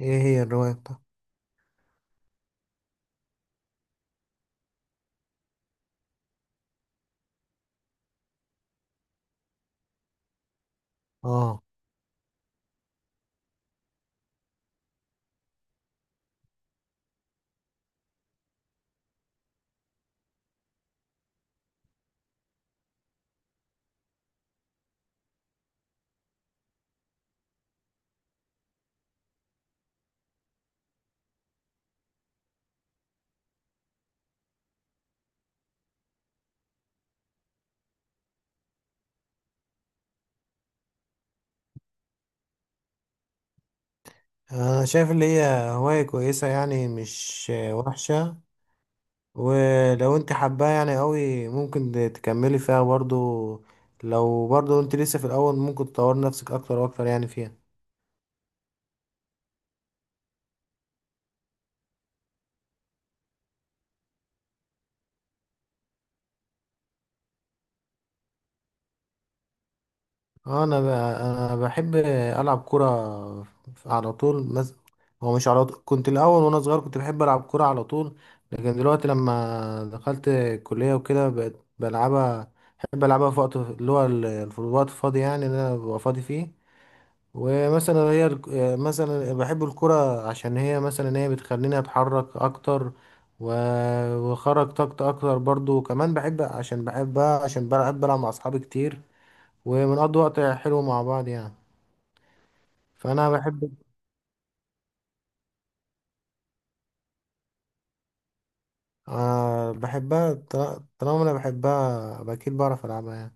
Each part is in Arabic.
ايه هي الرواية بتاعتك؟ اه، انا شايف اللي هي هواية كويسة، يعني مش وحشة. ولو انت حباها يعني قوي، ممكن تكملي فيها برضو. لو برضو انت لسه في الاول، ممكن تطور نفسك اكتر واكتر يعني فيها. اه، انا بحب العب كوره على طول هو مش على طول. كنت الاول وانا صغير كنت بحب العب كوره على طول، لكن دلوقتي لما دخلت الكليه وكده بقيت بلعبها. بحب العبها في وقت اللي هو الوقت الفاضي، يعني اللي انا ببقى فاضي فيه. ومثلا مثلا بحب الكوره، عشان هي مثلا هي بتخليني اتحرك اكتر، و... وخرج طاقتي اكتر برضو. وكمان بحب عشان بحبها، عشان بلعب مع اصحابي كتير، وبنقضي وقت حلو مع بعض يعني. فأنا بحب، آه، بحبها. طالما أنا بحبها يبقى أكيد بعرف ألعبها يعني.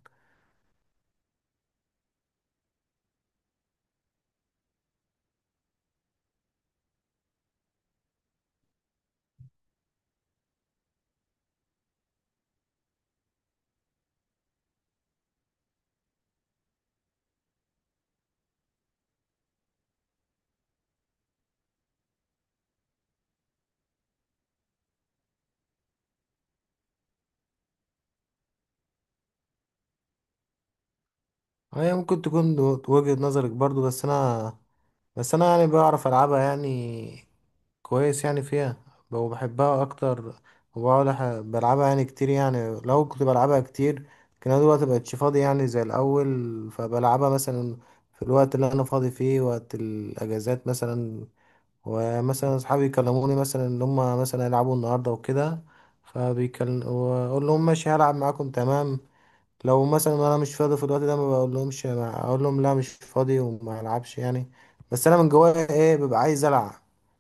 هي ممكن تكون وجهة نظرك برضو، بس أنا، يعني بعرف ألعبها يعني كويس يعني فيها. وبحبها أكتر. وبقعد بلعبها يعني كتير. يعني لو كنت بلعبها كتير كان أنا دلوقتي مبقتش فاضي يعني زي الأول، فبلعبها مثلا في الوقت اللي أنا فاضي فيه، وقت الأجازات مثلا. ومثلا اصحابي يكلموني مثلا ان هم مثلا يلعبوا النهارده وكده، فبيكلم واقول لهم ماشي هلعب معاكم تمام. لو مثلا انا مش فاضي في الوقت ده ما بقول لهمش، اقول لهم لا مش فاضي وما العبش يعني. بس انا من جوايا ايه ببقى عايز العب،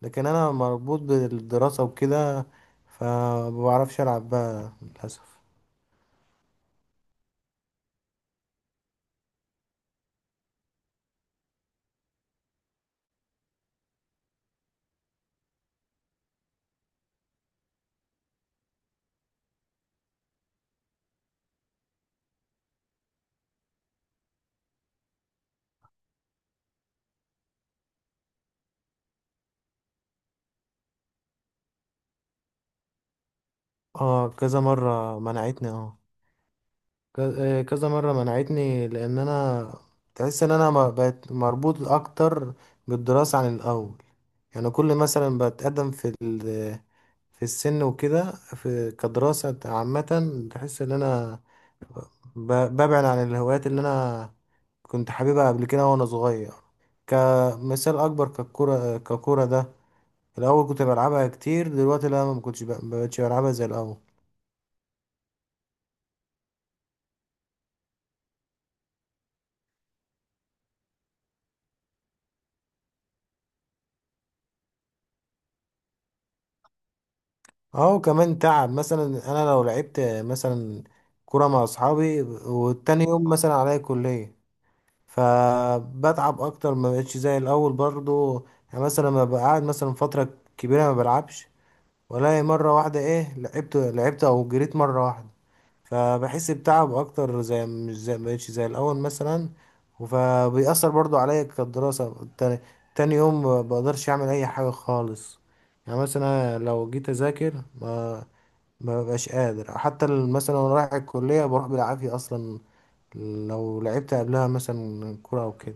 لكن انا مربوط بالدراسة وكده، فما بعرفش العب بقى للاسف. اه، كذا مرة منعتني. اه، كذا مرة منعتني، لان انا تحس ان انا بقيت مربوط اكتر بالدراسة عن الاول. يعني كل مثلا بتقدم في في السن وكده في كدراسة عامة، تحس ان انا ببعد عن الهوايات اللي انا كنت حاببها قبل كده وانا صغير. كمثال اكبر، ككرة ده، الاول كنت بلعبها كتير، دلوقتي لا، ما كنتش ما بقتش بلعبها زي الاول. اه، كمان تعب مثلا. انا لو لعبت مثلا كرة مع اصحابي والتاني يوم مثلا عليا كلية، فبتعب اكتر، ما بقتش زي الاول برضو. يعني مثلا لما ببقى قاعد مثلا فتره كبيره ما بلعبش ولا مره واحده، ايه لعبت او جريت مره واحده، فبحس بتعب اكتر، زي مش زي ما بقتش زي الاول مثلا. فبيأثر برضو عليا كدراسه تاني، تاني يوم ما بقدرش اعمل اي حاجه خالص. يعني مثلا لو جيت اذاكر ما ببقاش قادر، حتى مثلا وانا رايح الكليه بروح بالعافيه اصلا لو لعبت قبلها مثلا كوره او كده.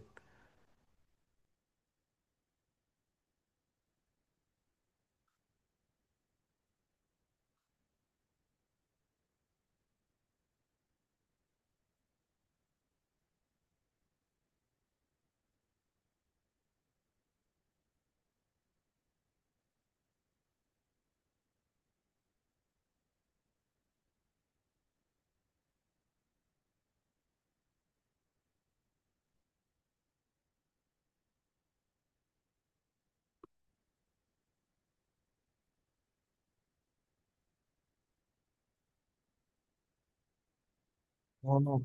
آه.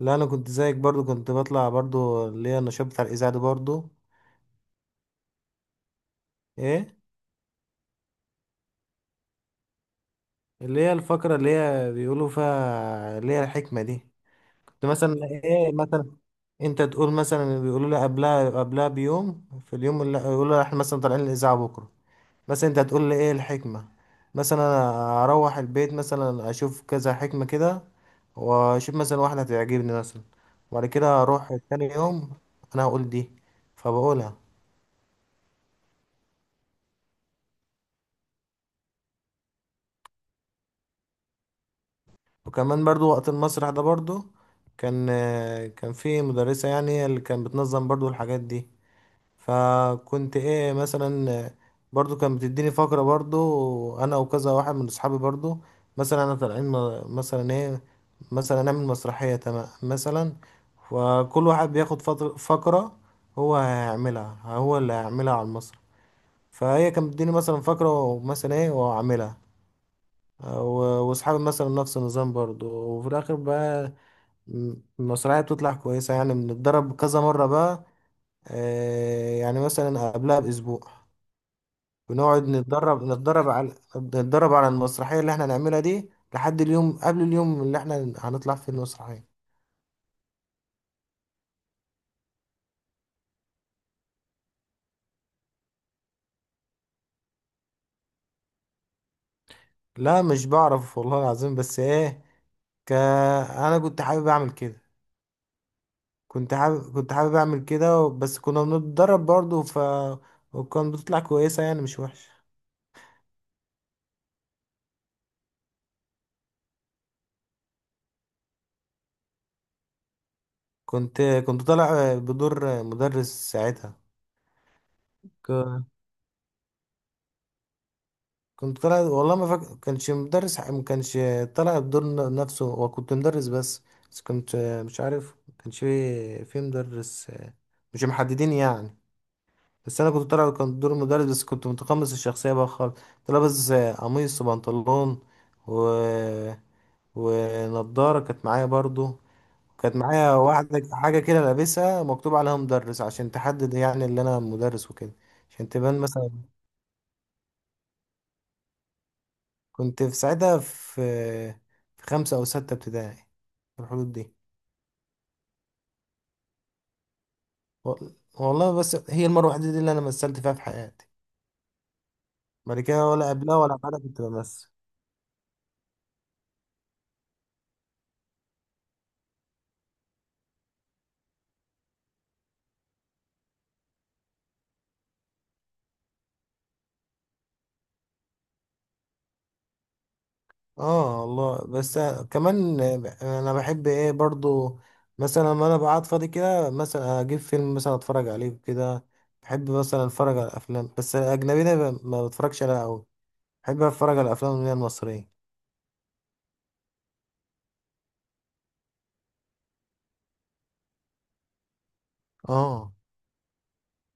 لا انا كنت زيك برضو، كنت بطلع برضو اللي هي النشاط بتاع الاذاعه دي برضو. ايه؟ اللي هي الفقره اللي هي بيقولوا فيها اللي هي الحكمه دي. كنت مثلا ايه مثلا، انت تقول مثلا، بيقولوا لي قبلها بيوم، في اليوم اللي يقولوا لي احنا مثلا طالعين الاذاعه بكره، مثلا انت هتقول لي ايه الحكمه. مثلا انا اروح البيت مثلا اشوف كذا حكمه كده، واشوف مثلا واحده هتعجبني مثلا، وبعد كده اروح تاني يوم، انا هقول دي، فبقولها. وكمان برضو وقت المسرح ده برضو. كان كان في مدرسة، يعني هي اللي كانت بتنظم برضو الحاجات دي. فكنت ايه مثلا، برضو كانت بتديني فقرة، برضو انا وكذا واحد من اصحابي برضو، مثلا انا طالعين مثلا ايه، مثلا نعمل مسرحية تمام مثلا، وكل واحد بياخد فقرة، هو هيعملها، هو اللي هيعملها على المسرح. فهي كانت بتديني مثلا فقرة ومثلا ايه واعملها، واصحابي مثلا نفس النظام برضو. وفي الاخر بقى المسرحية بتطلع كويسة يعني، بنتدرب كذا مرة بقى، يعني مثلا قبلها بأسبوع. بنقعد نتدرب نتدرب على المسرحية اللي احنا هنعملها دي لحد اليوم قبل اليوم اللي احنا هنطلع فيه المسرحية. لا مش بعرف والله العظيم، بس ايه، انا كنت حابب اعمل كده. كنت حابب اعمل كده، بس كنا بنتدرب برضه ف، وكان بتطلع كويسة يعني مش وحشة. كنت كنت طالع بدور مدرس ساعتها. كنت طالع والله ما فاكر كانش مدرس، ما كانش طالع الدور نفسه هو، كنت مدرس بس. بس كنت مش عارف، ما كانش في مدرس، مش محددين يعني. بس انا كنت طالع، كان دور مدرس، بس كنت متقمص الشخصيه بقى خالص، كنت لابس قميص وبنطلون و... ونضاره كانت معايا برضو. كانت معايا واحده حاجه كده لابسها مكتوب عليها مدرس، عشان تحدد يعني اللي انا مدرس وكده، عشان تبان مثلا. كنت في ساعتها في خمسة أو ستة ابتدائي، في الحدود دي. و- والله بس هي المرة الوحيدة دي اللي أنا مثلت فيها في حياتي، بعد كده ولا قبلها ولا بعدها كنت بمثل. اه والله، بس كمان أنا بحب إيه برضو، مثلا لما أنا بقعد فاضي كده مثلا أجيب فيلم مثلا أتفرج عليه كده. بحب مثلا أتفرج على أفلام بس الأجنبية ما بتفرجش عليها أوي، بحب أتفرج على الأفلام اللي هي المصرية. اه،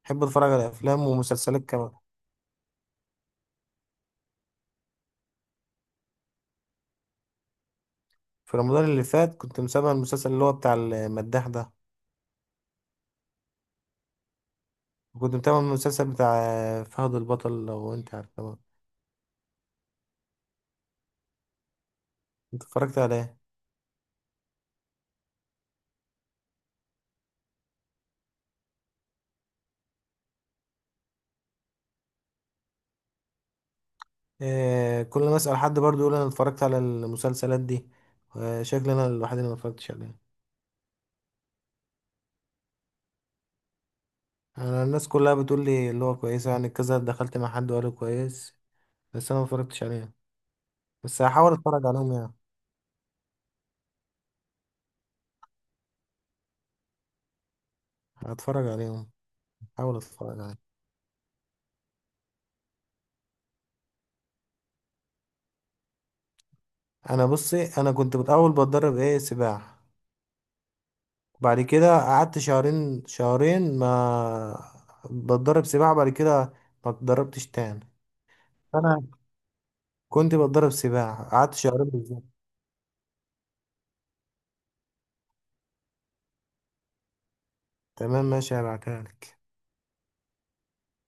بحب أتفرج على أفلام ومسلسلات كمان. في رمضان اللي فات كنت متابع المسلسل اللي هو بتاع المداح ده، وكنت متابع المسلسل بتاع فهد البطل، لو انت عارف طبعا. انت اتفرجت على ايه؟ آه، كل ما اسأل حد برضو يقول انا اتفرجت على المسلسلات دي. آه، شكلي انا الوحيد اللي ما اتفرجتش عليها. انا الناس كلها بتقول لي اللي هو كويس يعني، كذا دخلت مع حد وقال لي كويس، بس انا ما اتفرجتش عليها. بس هحاول اتفرج عليهم يعني. هتفرج عليهم. هحاول اتفرج عليهم. انا بصي، انا كنت بتدرب ايه سباحة، بعد كده قعدت شهرين ما بتدرب سباحة، بعد كده ما اتدربتش تاني. انا كنت بتدرب سباحة، قعدت شهرين بالظبط. تمام ماشي، هبعتها لك.